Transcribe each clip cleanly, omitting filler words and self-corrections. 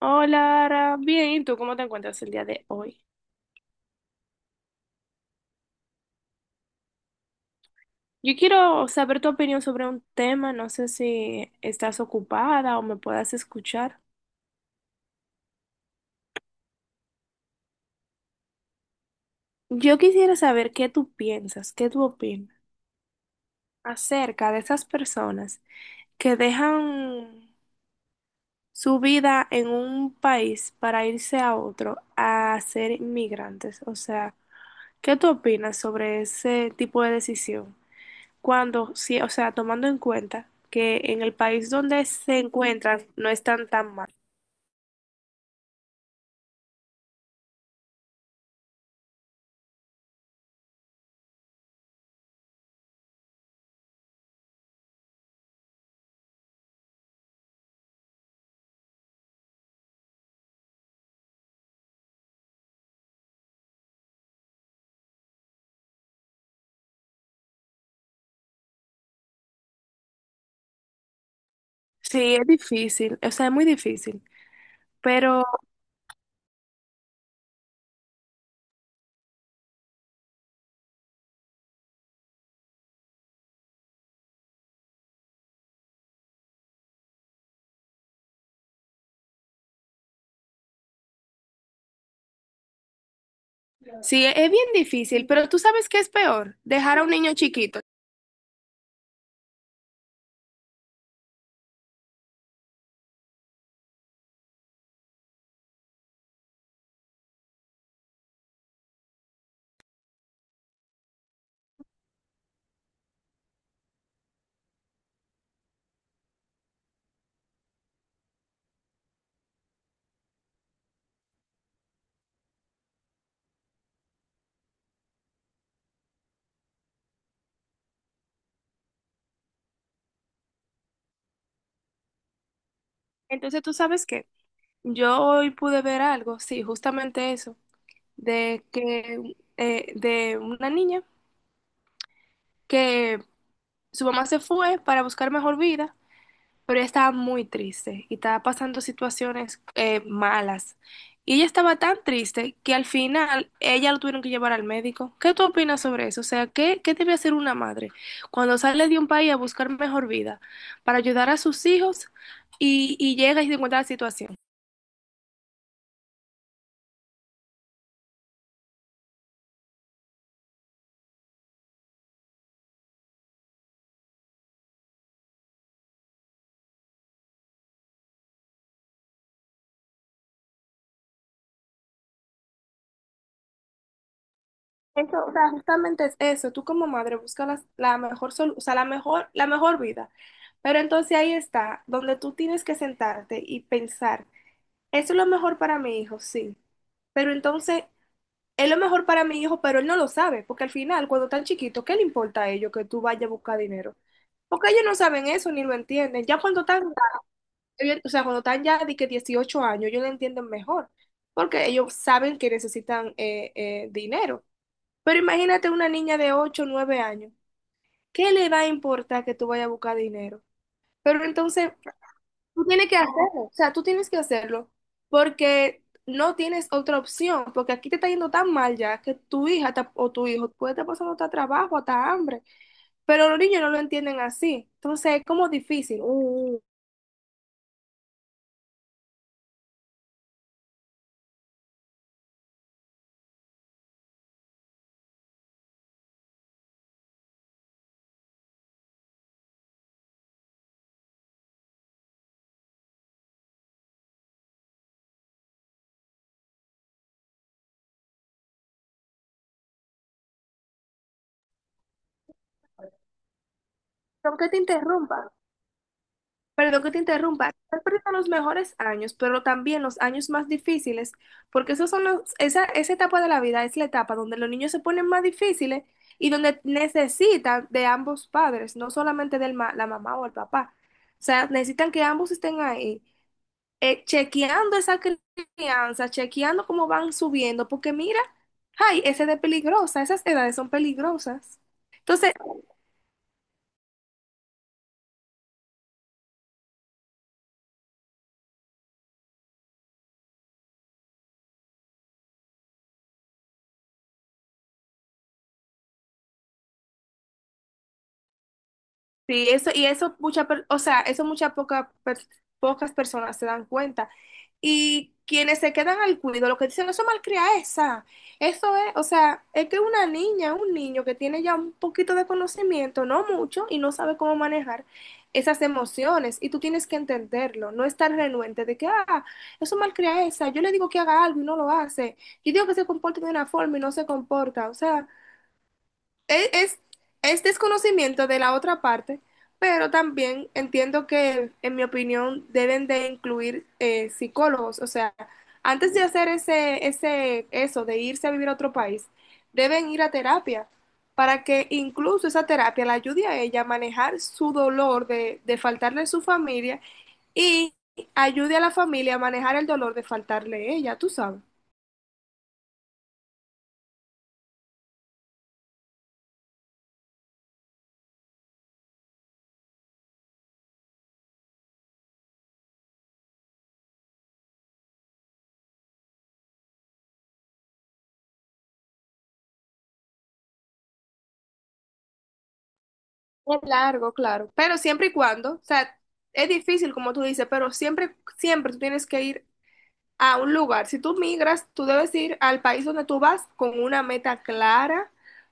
Hola, Ara. Bien, ¿y tú cómo te encuentras el día de hoy? Yo quiero saber tu opinión sobre un tema, no sé si estás ocupada o me puedas escuchar. Yo quisiera saber qué tú piensas, qué tú opinas acerca de esas personas que dejan su vida en un país para irse a otro a ser inmigrantes. O sea, ¿qué tú opinas sobre ese tipo de decisión cuando, sí, o sea, tomando en cuenta que en el país donde se encuentran no están tan mal? Sí, es difícil, o sea, es muy difícil, pero sí, es bien difícil. Pero tú sabes qué es peor: dejar a un niño chiquito. Entonces, tú sabes qué, yo hoy pude ver algo, sí, justamente eso, de que, de una niña que su mamá se fue para buscar mejor vida, pero ella estaba muy triste y estaba pasando situaciones malas. Y ella estaba tan triste que al final ella lo tuvieron que llevar al médico. ¿Qué tú opinas sobre eso? O sea, ¿qué debe hacer una madre cuando sale de un país a buscar mejor vida para ayudar a sus hijos y llega y se encuentra la situación? Eso, o sea, justamente es eso. Tú como madre buscas mejor o sea, la mejor, vida. Pero entonces ahí está, donde tú tienes que sentarte y pensar. Eso es lo mejor para mi hijo, sí. Pero entonces, es lo mejor para mi hijo, pero él no lo sabe, porque al final, cuando están chiquitos, ¿qué le importa a ellos que tú vayas a buscar dinero? Porque ellos no saben eso ni lo entienden. Ya cuando están, o sea, cuando están ya de que 18 años, ellos lo entienden mejor, porque ellos saben que necesitan dinero. Pero imagínate una niña de ocho o 9 años, ¿qué le va a importar que tú vayas a buscar dinero? Pero entonces, tú tienes que hacerlo, o sea, tú tienes que hacerlo porque no tienes otra opción, porque aquí te está yendo tan mal ya que o tu hijo puede estar pasando hasta trabajo, hasta hambre, pero los niños no lo entienden así, entonces es como difícil. Mm. Aunque te interrumpa. Perdón que te interrumpa, estás perdiendo los mejores años, pero también los años más difíciles, porque esos son los, esa etapa de la vida es la etapa donde los niños se ponen más difíciles y donde necesitan de ambos padres, no solamente de la mamá o el papá. O sea, necesitan que ambos estén ahí, chequeando esa crianza, chequeando cómo van subiendo, porque mira, ay, esa edad es peligrosa, esas edades son peligrosas. Entonces, sí, eso, y o sea, eso muchas poca per- pocas personas se dan cuenta. Y quienes se quedan al cuido, lo que dicen, eso malcria esa. Eso es, o sea, es que una niña, un niño que tiene ya un poquito de conocimiento, no mucho, y no sabe cómo manejar esas emociones. Y tú tienes que entenderlo, no estar renuente de que, ah, eso malcria esa. Yo le digo que haga algo y no lo hace. Yo digo que se comporte de una forma y no se comporta. O sea. Es, es, es desconocimiento de la otra parte, pero también entiendo que, en mi opinión, deben de incluir psicólogos. O sea, antes de hacer eso, de irse a vivir a otro país, deben ir a terapia para que incluso esa terapia la ayude a ella a manejar su dolor de faltarle a su familia y ayude a la familia a manejar el dolor de faltarle a ella, tú sabes. Es largo, claro, pero siempre y cuando, o sea, es difícil como tú dices, pero siempre tú tienes que ir a un lugar. Si tú migras, tú debes ir al país donde tú vas con una meta clara,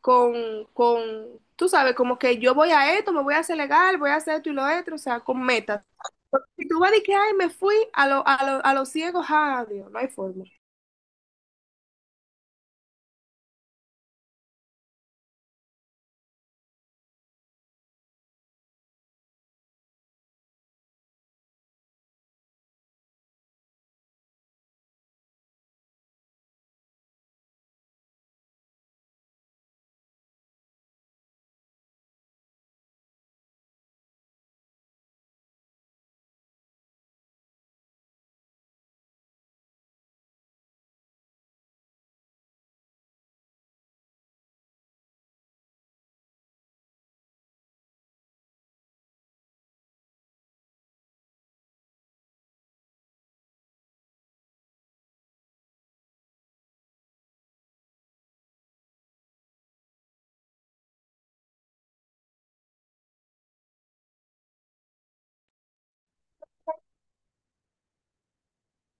con, con, tú sabes, como que yo voy a esto, me voy a hacer legal, voy a hacer esto y lo otro, o sea, con metas. Porque si tú vas de que, ay, me fui a los ciegos, ¡adiós! No hay forma.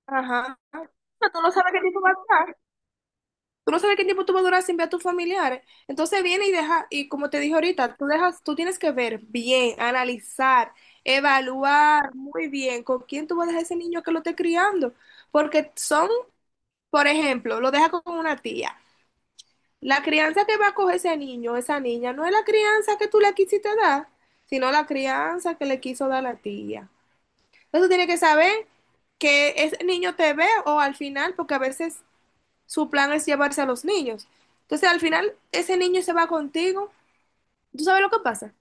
Ajá. Pero tú no sabes qué tipo vas a estar. Tú no sabes qué tiempo tú vas a durar sin ver a tus familiares. Entonces viene y deja, y como te dije ahorita, tú dejas, tú tienes que ver bien, analizar, evaluar muy bien con quién tú vas a dejar ese niño que lo esté criando. Porque son, por ejemplo, lo deja con una tía. La crianza que va a coger ese niño, esa niña, no es la crianza que tú le quisiste dar, sino la crianza que le quiso dar la tía. Entonces tú tienes que saber que ese niño te ve o al final, porque a veces su plan es llevarse a los niños. Entonces, al final, ese niño se va contigo. ¿Tú sabes lo que pasa?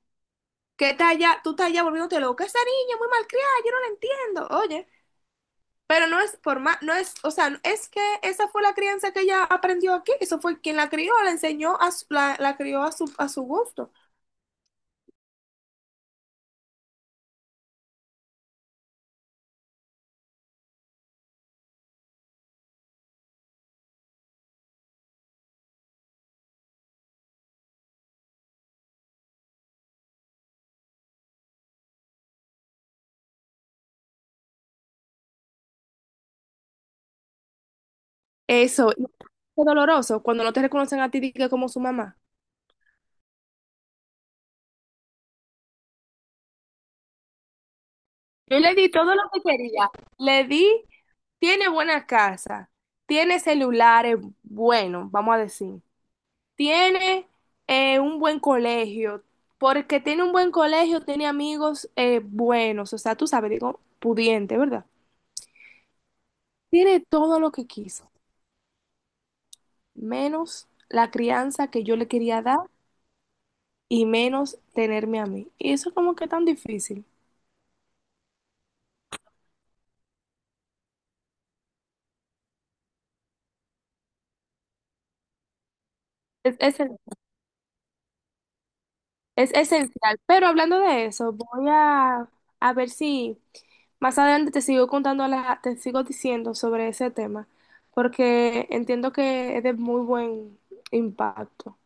Que está allá, tú estás allá volviéndote loca. Esa niña muy malcriada, yo no la entiendo. Oye, pero no es por más, no es, o sea, es que esa fue la crianza que ella aprendió aquí. Eso fue quien la crió, la enseñó, la crió a su gusto. Eso, y es doloroso cuando no te reconocen a ti di que como su mamá. Yo le di todo lo que quería. Le di, tiene buena casa, tiene celulares buenos, vamos a decir. Tiene un buen colegio. Porque tiene un buen colegio, tiene amigos buenos. O sea, tú sabes, digo, pudiente, ¿verdad? Tiene todo lo que quiso, menos la crianza que yo le quería dar y menos tenerme a mí. Y eso como que tan difícil. Es, es, es esencial. Pero hablando de eso, voy a ver si más adelante te sigo contando, te sigo diciendo sobre ese tema, porque entiendo que es de muy buen impacto.